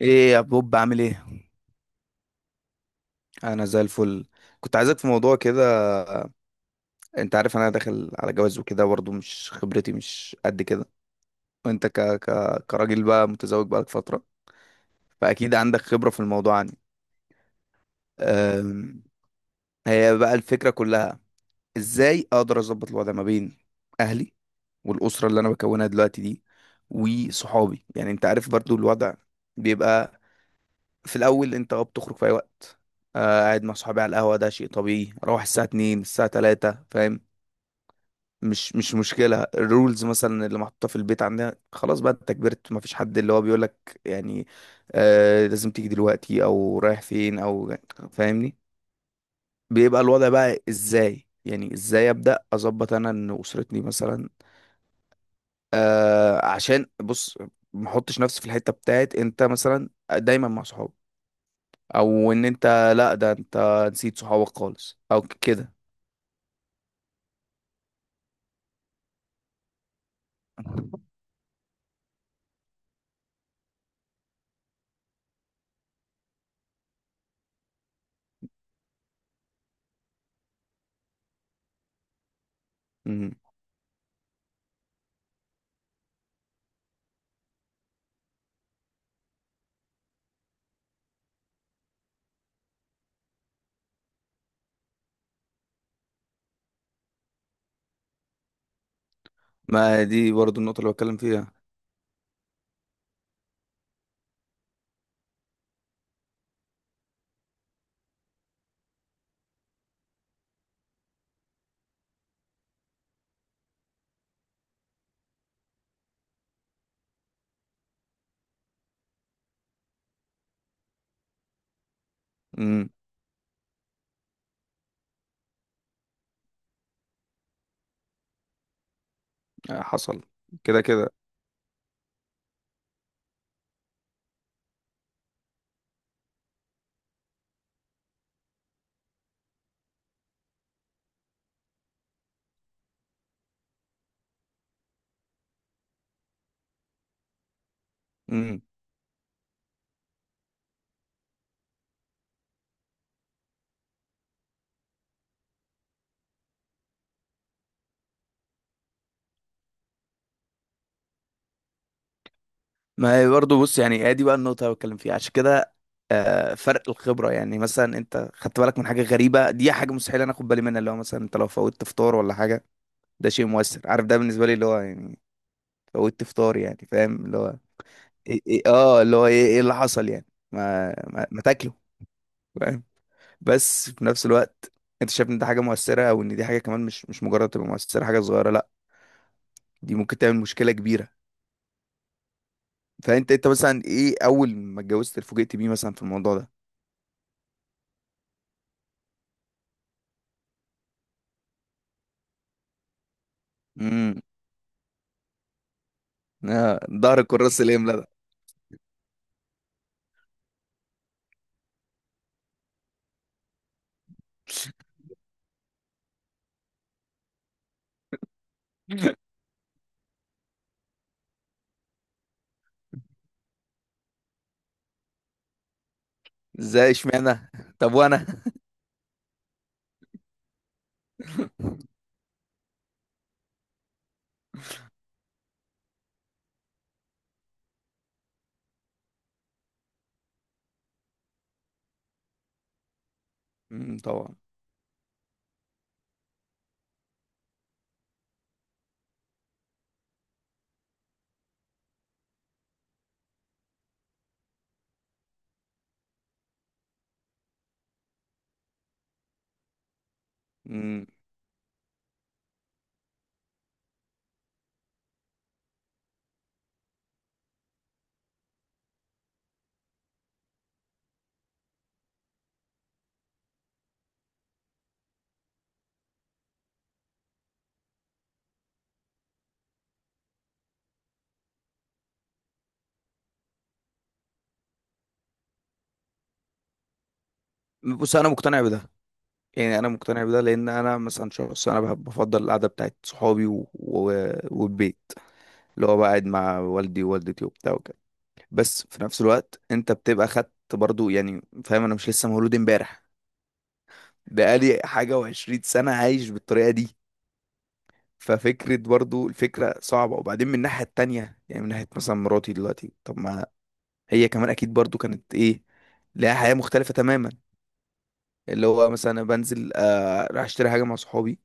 ايه يا بوب، عامل ايه؟ انا زي الفل. كنت عايزك في موضوع كده. انت عارف انا داخل على جواز وكده، برضه مش خبرتي مش قد كده. وانت كراجل بقى متزوج بقالك فترة، فاكيد عندك خبرة في الموضوع عني. أم... هي بقى الفكرة كلها، ازاي اقدر اظبط الوضع ما بين اهلي والاسرة اللي انا بكونها دلوقتي دي وصحابي؟ يعني انت عارف برضه الوضع بيبقى. في الاول انت، اه، بتخرج في اي وقت. آه، قاعد مع صحابي على القهوه، ده شيء طبيعي اروح الساعه 2 الساعه 3، فاهم؟ مش مشكله الرولز مثلا اللي محطوطه في البيت عندنا. خلاص بقى انت كبرت، ما فيش حد اللي هو بيقول لك يعني آه لازم تيجي دلوقتي او رايح فين او، فاهمني؟ بيبقى الوضع بقى ازاي؟ يعني ازاي ابدا اظبط انا ان اسرتني مثلا، آه، عشان بص، ما احطش نفسي في الحته بتاعت انت مثلا دايما مع صحابك، او ان انت، لا ده انت نسيت صحابك خالص او كده. مم. ما دي برضو النقطة اللي بتكلم فيها. مم. حصل. كده كده. مم. ما هي برضو، بص يعني، هي دي بقى النقطة اللي بتكلم فيها، عشان كده، آه، فرق الخبرة. يعني مثلا انت خدت بالك من حاجة غريبة، دي حاجة مستحيل انا اخد بالي منها، اللي هو مثلا انت لو فوتت فطار ولا حاجة. ده شيء مؤثر، عارف؟ ده بالنسبة لي اللي هو يعني فوتت فطار، يعني فاهم اللي هو إيه إيه؟ اه اللي هو ايه ايه اللي حصل يعني؟ ما تاكله، فاهم؟ بس في نفس الوقت انت شايف ان دي حاجه مؤثره، او ان دي حاجه كمان مش مجرد تبقى مؤثره حاجه صغيره، لا، دي ممكن تعمل مشكله كبيره. فانت انت مثلا، ايه اول ما اتجوزت اتفوجئت بيه مثلا في الموضوع ده؟ امم. آه، ظهر الكراسة الاملا. ده ازاي؟ اشمعنى؟ طب وانا؟ امم. طبعا. امم. بص انا مقتنع بده، يعني انا مقتنع بده. لان انا مثلا شخص انا بحب، بفضل القعده بتاعت صحابي والبيت، اللي هو بقعد مع والدي ووالدتي وبتاع وكده. بس في نفس الوقت انت بتبقى خدت برضو، يعني فاهم، انا مش لسه مولود امبارح. بقالي حاجة وعشرين سنة عايش بالطريقة دي، ففكرة برضو الفكرة صعبة. وبعدين من الناحية التانية، يعني من ناحية مثلا مراتي دلوقتي، طب ما هي كمان أكيد برضو كانت إيه، لها حياة مختلفة تماما. اللي هو مثلا أنا بنزل، آه، راح أشتري حاجة مع صحابي،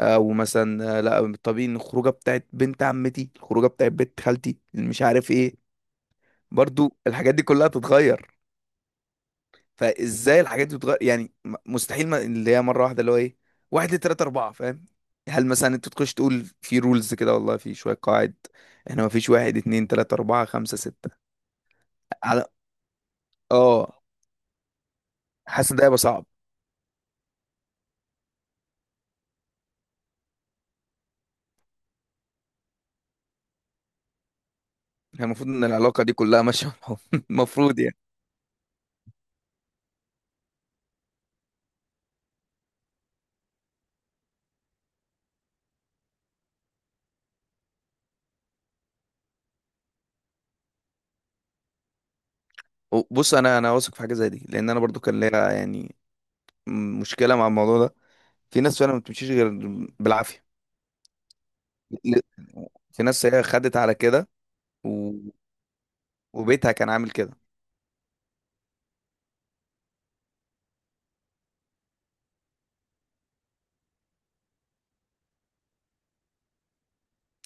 أو مثلا آه لا طبيعي إن الخروجة بتاعت بنت عمتي، الخروجة بتاعت بنت خالتي اللي مش عارف إيه. برضو الحاجات دي كلها تتغير. فازاي الحاجات دي بتغير يعني؟ مستحيل، ما اللي هي مره واحده اللي هو ايه، واحد اتنين تلاته اربعه، فاهم؟ هل مثلا انت تخش تقول في رولز كده، والله في شويه قواعد احنا، ما فيش واحد اتنين تلاته اربعه خمسه سته على، اه؟ حاسس ان ده هيبقى صعب. يعني المفروض ان العلاقه دي كلها ماشيه مع بعض. المفروض يعني. بص انا واثق في حاجه زي دي، لان انا برضو كان ليا يعني مشكله مع الموضوع ده. في ناس فعلا ما بتمشيش غير بالعافيه. ل- في ناس هي خدت على كده، و... وبيتها كان عامل كده.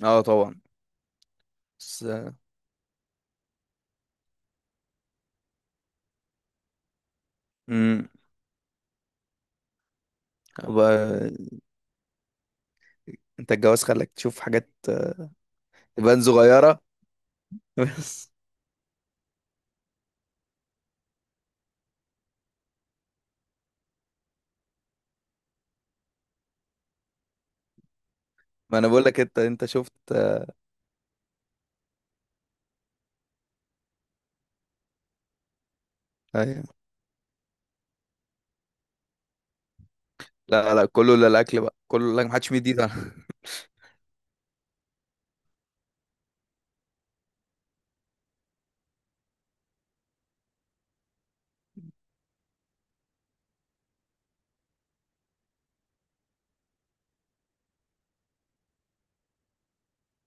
اه طبعا. بس. امم بقى، انت الجواز خلاك تشوف حاجات، آه، تبان صغيرة. بس ما انا بقول لك، انت شفت. ايوه. لا لا كله، لا الاكل بقى كله لا، محدش ميد ايده.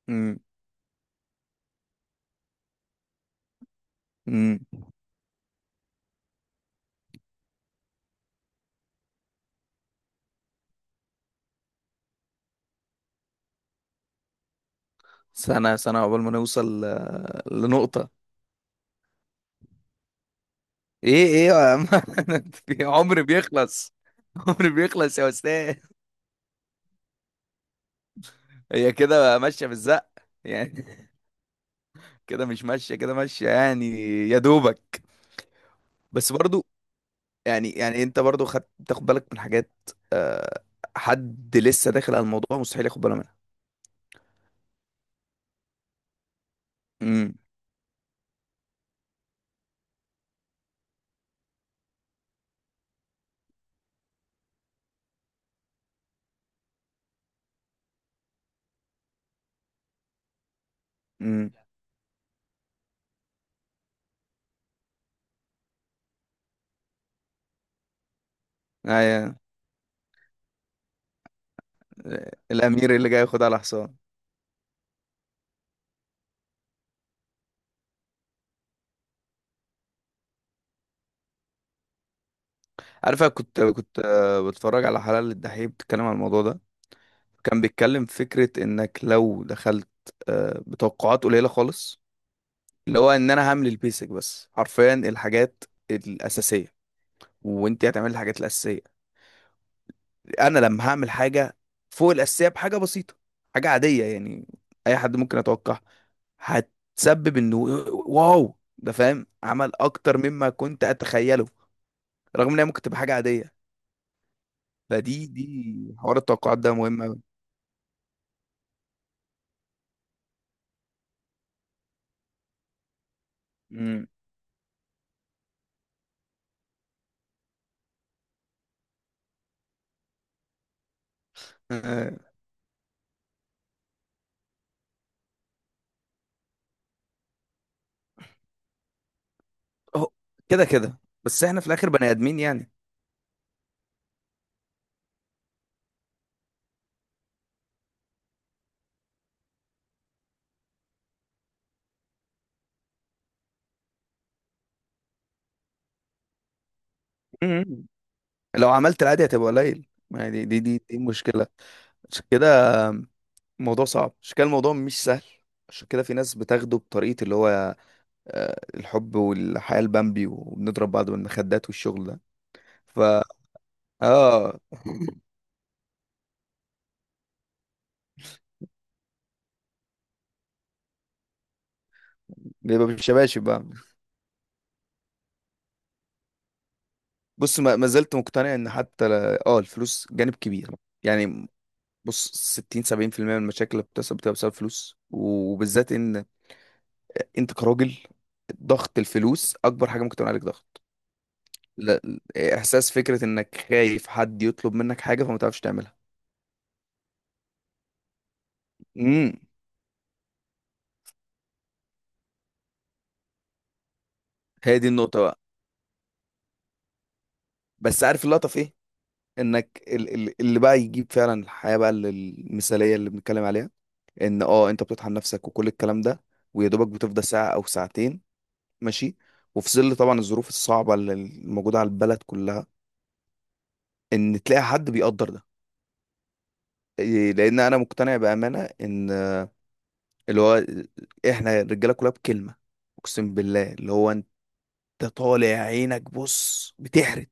امم. امم. سنة سنة عقبال ما نوصل، آه، لنقطة. ايه ايه يا عم. في عمر بيخلص. عمر بيخلص يا استاذ. هي كده بقى ماشية بالزق يعني. كده مش ماشية، كده ماشية يعني، يا دوبك. بس برضو يعني، يعني انت برضو خدت، تاخد بالك من حاجات، آه، حد لسه داخل على الموضوع مستحيل ياخد باله منها. امم. امم. ايوه. الامير اللي جاي ياخد على حصان. عارف، انا كنت آه، بتفرج على حلقه الدحيح بتتكلم على الموضوع ده. كان بيتكلم في فكره، انك لو دخلت، آه، بتوقعات قليله خالص، اللي هو ان انا هعمل البيسك بس، حرفيا الحاجات الاساسيه، وانت هتعمل الحاجات الاساسيه. انا لما هعمل حاجه فوق الاساسيه بحاجه بسيطه، حاجه عاديه يعني، اي حد ممكن يتوقعها، هتسبب انه واو، ده فاهم عمل اكتر مما كنت اتخيله، رغم ان هي ممكن تبقى حاجه عاديه. فدي دي حوار التوقعات ده مهم قوي. امم. آه، أهو، كده كده، بس احنا في الاخر بني ادمين يعني. مم. لو عملت العادي هتبقى قليل، ما هي دي مشكله. عشان كده الموضوع صعب، عشان كده الموضوع مش سهل، عشان كده في ناس بتاخده بطريقه اللي هو، آه، الحب والحياة البامبي وبنضرب بعض بالمخدات والشغل ده. ف، اه، بيبقى بالشباشب بقى. بص ما زلت مقتنع ان حتى اه، الفلوس جانب كبير يعني. بص 60 70% من المشاكل اللي بتحصل بتبقى بسبب فلوس، وبالذات ان انت كراجل، ضغط الفلوس اكبر حاجه ممكن تعمل عليك ضغط. لا، احساس، فكره انك خايف حد يطلب منك حاجه فما تعرفش تعملها. امم. هي دي النقطه بقى. بس عارف اللقطه في ايه؟ انك اللي بقى يجيب فعلا الحياة بقى المثالية اللي بنتكلم عليها، ان اه انت بتطحن نفسك وكل الكلام ده، ويا دوبك بتفضى ساعة او ساعتين، ماشي، وفي ظل طبعا الظروف الصعبة اللي الموجودة على البلد كلها، ان تلاقي حد بيقدر ده. إيه، لان انا مقتنع بأمانة ان اللي هو احنا الرجالة كلها بكلمة، اقسم بالله اللي هو انت طالع عينك بص بتحرق،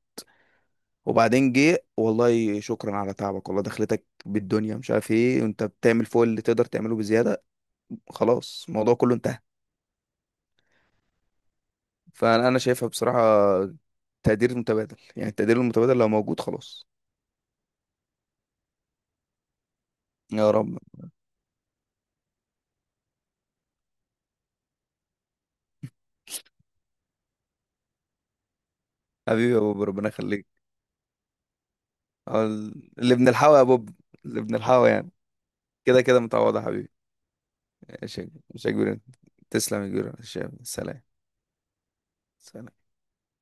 وبعدين جه والله شكرا على تعبك والله دخلتك بالدنيا مش عارف ايه، وانت بتعمل فوق اللي تقدر تعمله بزياده، خلاص الموضوع كله انتهى. فانا، أنا شايفها بصراحه، تقدير متبادل. يعني التقدير المتبادل لو موجود، خلاص. يا رب. حبيبي يا بوب، ربنا يخليك. آه، اللي بنلحقه يا بوب. اللي بنلحقه يعني. كده كده متعوضه يا حبيبي. ماشي يا كبير- ماشي يا كبير. تسلم يا كبير، ماشي يا- حبيبي. سلام. سلام.